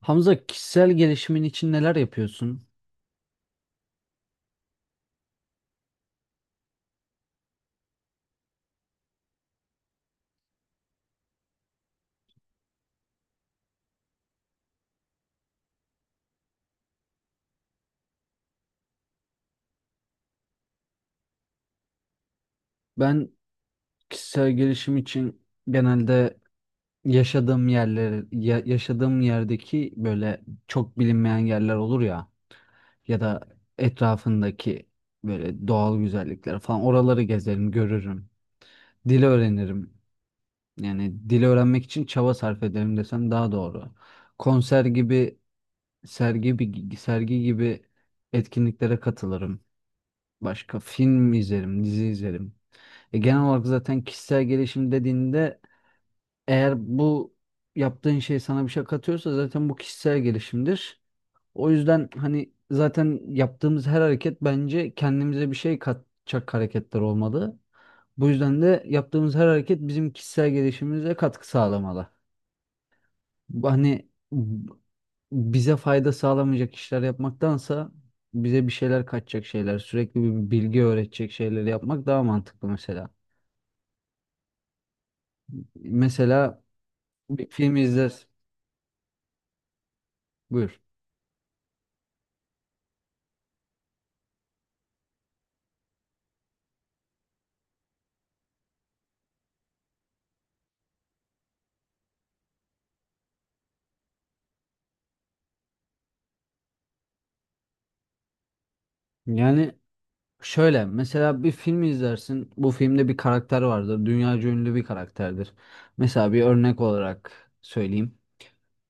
Hamza kişisel gelişimin için neler yapıyorsun? Ben kişisel gelişim için genelde yaşadığım yerler, yaşadığım yerdeki böyle çok bilinmeyen yerler olur ya ya da etrafındaki böyle doğal güzellikler falan oraları gezerim, görürüm. Dil öğrenirim. Yani dil öğrenmek için çaba sarf ederim desem daha doğru. Konser gibi, sergi gibi etkinliklere katılırım. Başka film izlerim, dizi izlerim. Genel olarak zaten kişisel gelişim dediğinde eğer bu yaptığın şey sana bir şey katıyorsa zaten bu kişisel gelişimdir. O yüzden hani zaten yaptığımız her hareket bence kendimize bir şey katacak hareketler olmalı. Bu yüzden de yaptığımız her hareket bizim kişisel gelişimimize katkı sağlamalı. Hani bize fayda sağlamayacak işler yapmaktansa bize bir şeyler kaçacak şeyler, sürekli bir bilgi öğretecek şeyleri yapmak daha mantıklı mesela. Mesela bir film izler. Buyur. Yani şöyle mesela bir film izlersin. Bu filmde bir karakter vardır. Dünyaca ünlü bir karakterdir. Mesela bir örnek olarak söyleyeyim.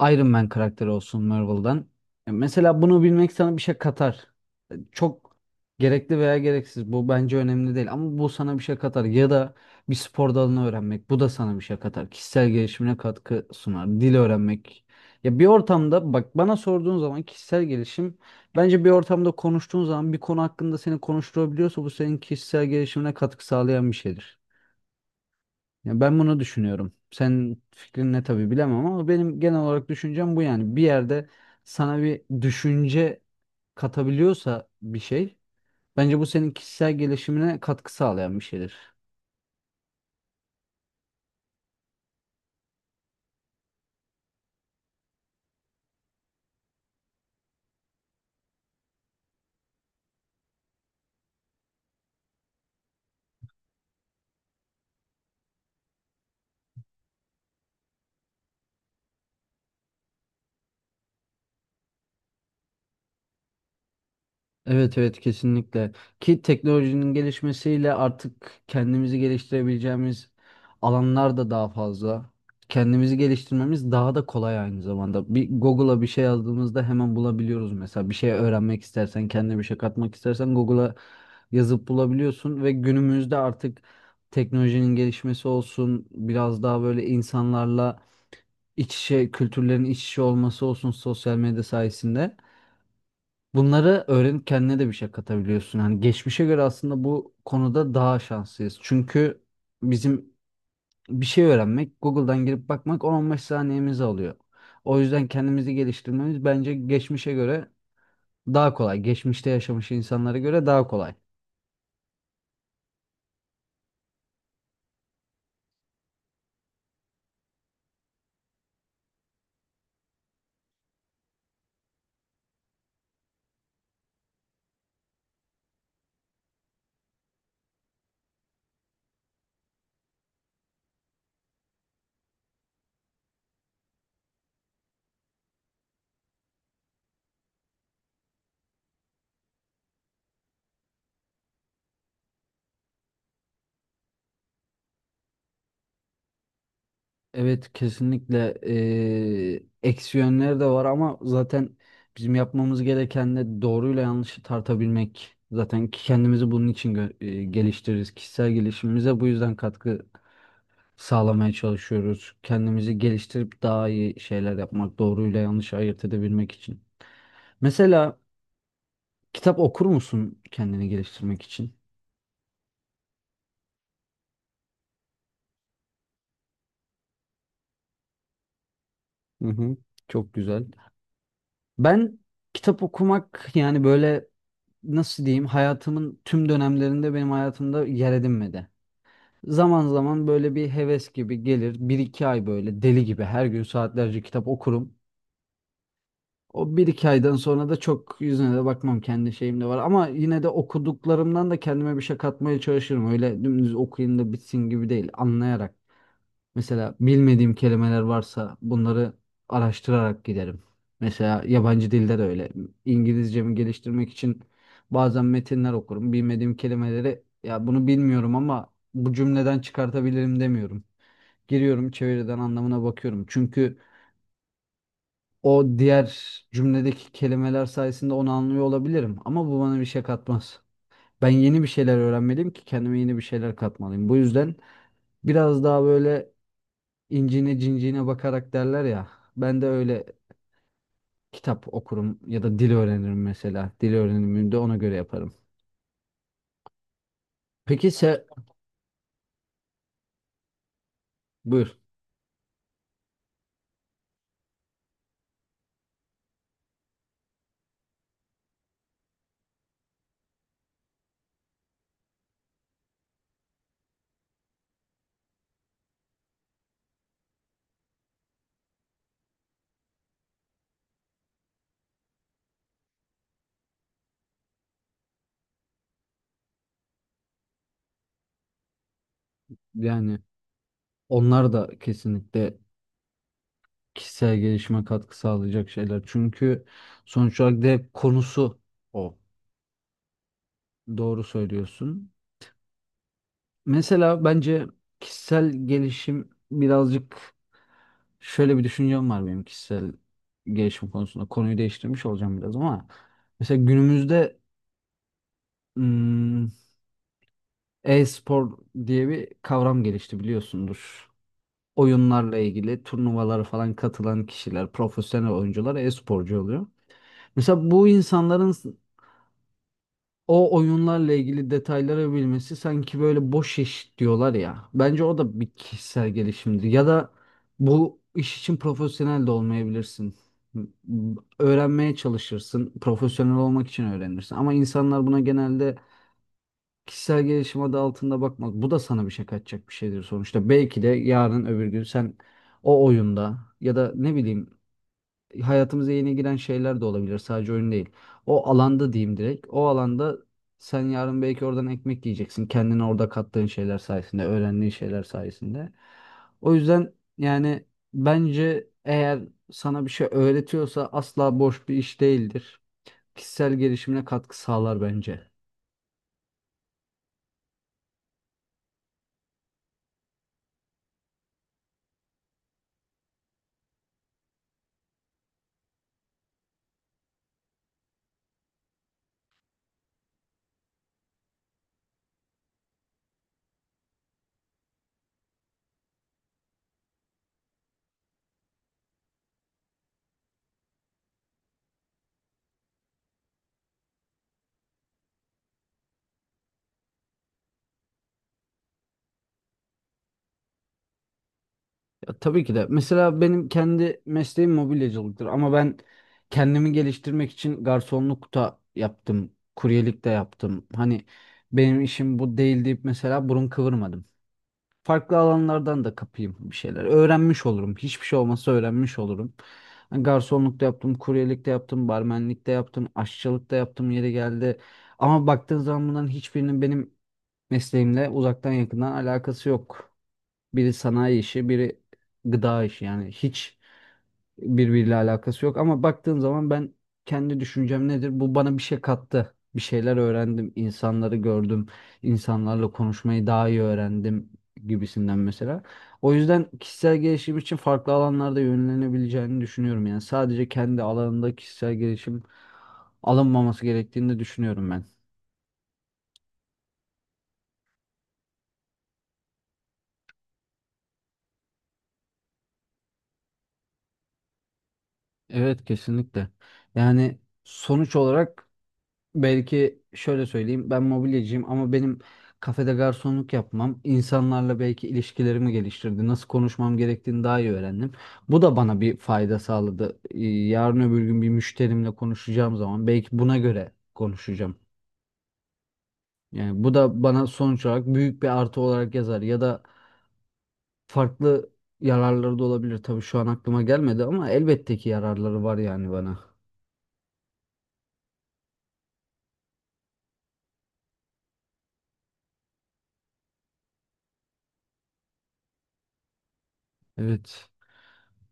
Iron Man karakteri olsun Marvel'dan. Mesela bunu bilmek sana bir şey katar. Çok gerekli veya gereksiz bu bence önemli değil ama bu sana bir şey katar ya da bir spor dalını öğrenmek bu da sana bir şey katar. Kişisel gelişimine katkı sunar. Dil öğrenmek. Ya bir ortamda bak bana sorduğun zaman kişisel gelişim bence bir ortamda konuştuğun zaman bir konu hakkında seni konuşturabiliyorsa bu senin kişisel gelişimine katkı sağlayan bir şeydir. Ya ben bunu düşünüyorum. Senin fikrin ne tabii bilemem ama benim genel olarak düşüncem bu yani. Bir yerde sana bir düşünce katabiliyorsa bir şey, bence bu senin kişisel gelişimine katkı sağlayan bir şeydir. Evet evet, kesinlikle. Ki teknolojinin gelişmesiyle artık kendimizi geliştirebileceğimiz alanlar da daha fazla. Kendimizi geliştirmemiz daha da kolay aynı zamanda. Bir Google'a bir şey yazdığımızda hemen bulabiliyoruz mesela. Bir şey öğrenmek istersen, kendine bir şey katmak istersen Google'a yazıp bulabiliyorsun ve günümüzde artık teknolojinin gelişmesi olsun, biraz daha böyle insanlarla iç içe, kültürlerin iç içe olması olsun sosyal medya sayesinde. Bunları öğrenip kendine de bir şey katabiliyorsun. Hani geçmişe göre aslında bu konuda daha şanslıyız. Çünkü bizim bir şey öğrenmek, Google'dan girip bakmak 10-15 saniyemizi alıyor. O yüzden kendimizi geliştirmemiz bence geçmişe göre daha kolay. Geçmişte yaşamış insanlara göre daha kolay. Evet kesinlikle eksi yönleri de var ama zaten bizim yapmamız gereken de doğruyla yanlışı tartabilmek. Zaten ki kendimizi bunun için geliştiririz. Kişisel gelişimimize bu yüzden katkı sağlamaya çalışıyoruz. Kendimizi geliştirip daha iyi şeyler yapmak, doğruyla yanlışı ayırt edebilmek için. Mesela kitap okur musun kendini geliştirmek için? Hı hı. Çok güzel. Ben kitap okumak yani böyle nasıl diyeyim hayatımın tüm dönemlerinde benim hayatımda yer edinmedi. Zaman zaman böyle bir heves gibi gelir. Bir iki ay böyle deli gibi her gün saatlerce kitap okurum. O bir iki aydan sonra da çok yüzüne de bakmam kendi şeyim de var. Ama yine de okuduklarımdan da kendime bir şey katmaya çalışırım. Öyle dümdüz okuyayım da bitsin gibi değil. Anlayarak. Mesela bilmediğim kelimeler varsa bunları araştırarak giderim. Mesela yabancı dilde de öyle. İngilizcemi geliştirmek için bazen metinler okurum. Bilmediğim kelimeleri ya bunu bilmiyorum ama bu cümleden çıkartabilirim demiyorum. Giriyorum çeviriden anlamına bakıyorum. Çünkü o diğer cümledeki kelimeler sayesinde onu anlıyor olabilirim. Ama bu bana bir şey katmaz. Ben yeni bir şeyler öğrenmeliyim ki kendime yeni bir şeyler katmalıyım. Bu yüzden biraz daha böyle incine cinciğine bakarak derler ya. Ben de öyle kitap okurum ya da dil öğrenirim mesela. Dil öğrenimimi de ona göre yaparım. Peki se Buyur. Yani onlar da kesinlikle kişisel gelişime katkı sağlayacak şeyler. Çünkü sonuç olarak da hep konusu o. Doğru söylüyorsun. Mesela bence kişisel gelişim birazcık şöyle bir düşüncem var benim kişisel gelişim konusunda. Konuyu değiştirmiş olacağım biraz ama mesela günümüzde hmm, e-spor diye bir kavram gelişti biliyorsundur. Oyunlarla ilgili turnuvalara falan katılan kişiler, profesyonel oyuncular e-sporcu oluyor. Mesela bu insanların o oyunlarla ilgili detayları bilmesi sanki böyle boş iş diyorlar ya. Bence o da bir kişisel gelişimdir. Ya da bu iş için profesyonel de olmayabilirsin. M- Öğrenmeye çalışırsın. Profesyonel olmak için öğrenirsin. Ama insanlar buna genelde kişisel gelişim adı altında bakmaz. Bu da sana bir şey kaçacak bir şeydir sonuçta. Belki de yarın öbür gün sen o oyunda ya da ne bileyim hayatımıza yeni giren şeyler de olabilir. Sadece oyun değil. O alanda diyeyim direkt. O alanda sen yarın belki oradan ekmek yiyeceksin. Kendine orada kattığın şeyler sayesinde, öğrendiğin şeyler sayesinde. O yüzden yani bence eğer sana bir şey öğretiyorsa asla boş bir iş değildir. Kişisel gelişimine katkı sağlar bence. Ya tabii ki de. Mesela benim kendi mesleğim mobilyacılıktır ama ben kendimi geliştirmek için garsonluk da yaptım, kuryelik de yaptım. Hani benim işim bu değil deyip mesela burun kıvırmadım. Farklı alanlardan da kapayım bir şeyler. Öğrenmiş olurum. Hiçbir şey olmasa öğrenmiş olurum. Hani garsonluk da yaptım, kuryelik de yaptım, barmenlik de yaptım, aşçılık da yaptım yeri geldi. Ama baktığın zaman bunların hiçbirinin benim mesleğimle uzaktan yakından alakası yok. Biri sanayi işi, biri gıda işi. Yani hiç birbiriyle alakası yok. Ama baktığın zaman ben kendi düşüncem nedir? Bu bana bir şey kattı. Bir şeyler öğrendim, insanları gördüm, insanlarla konuşmayı daha iyi öğrendim gibisinden mesela. O yüzden kişisel gelişim için farklı alanlarda yönlenebileceğini düşünüyorum. Yani sadece kendi alanında kişisel gelişim alınmaması gerektiğini de düşünüyorum ben. Evet kesinlikle. Yani sonuç olarak belki şöyle söyleyeyim ben mobilyacıyım ama benim kafede garsonluk yapmam insanlarla belki ilişkilerimi geliştirdi. Nasıl konuşmam gerektiğini daha iyi öğrendim. Bu da bana bir fayda sağladı. Yarın öbür gün bir müşterimle konuşacağım zaman belki buna göre konuşacağım. Yani bu da bana sonuç olarak büyük bir artı olarak yazar ya da farklı yararları da olabilir. Tabii şu an aklıma gelmedi ama elbette ki yararları var yani bana. Evet.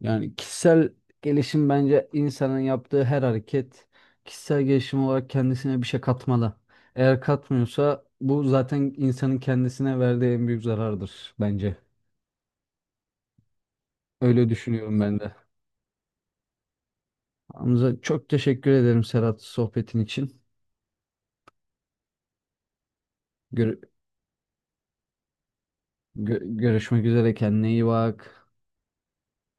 Yani kişisel gelişim bence insanın yaptığı her hareket kişisel gelişim olarak kendisine bir şey katmalı. Eğer katmıyorsa bu zaten insanın kendisine verdiği en büyük zarardır bence. Öyle düşünüyorum ben de. Hamza çok teşekkür ederim Serhat sohbetin için. Gör- görüşmek üzere kendine iyi bak.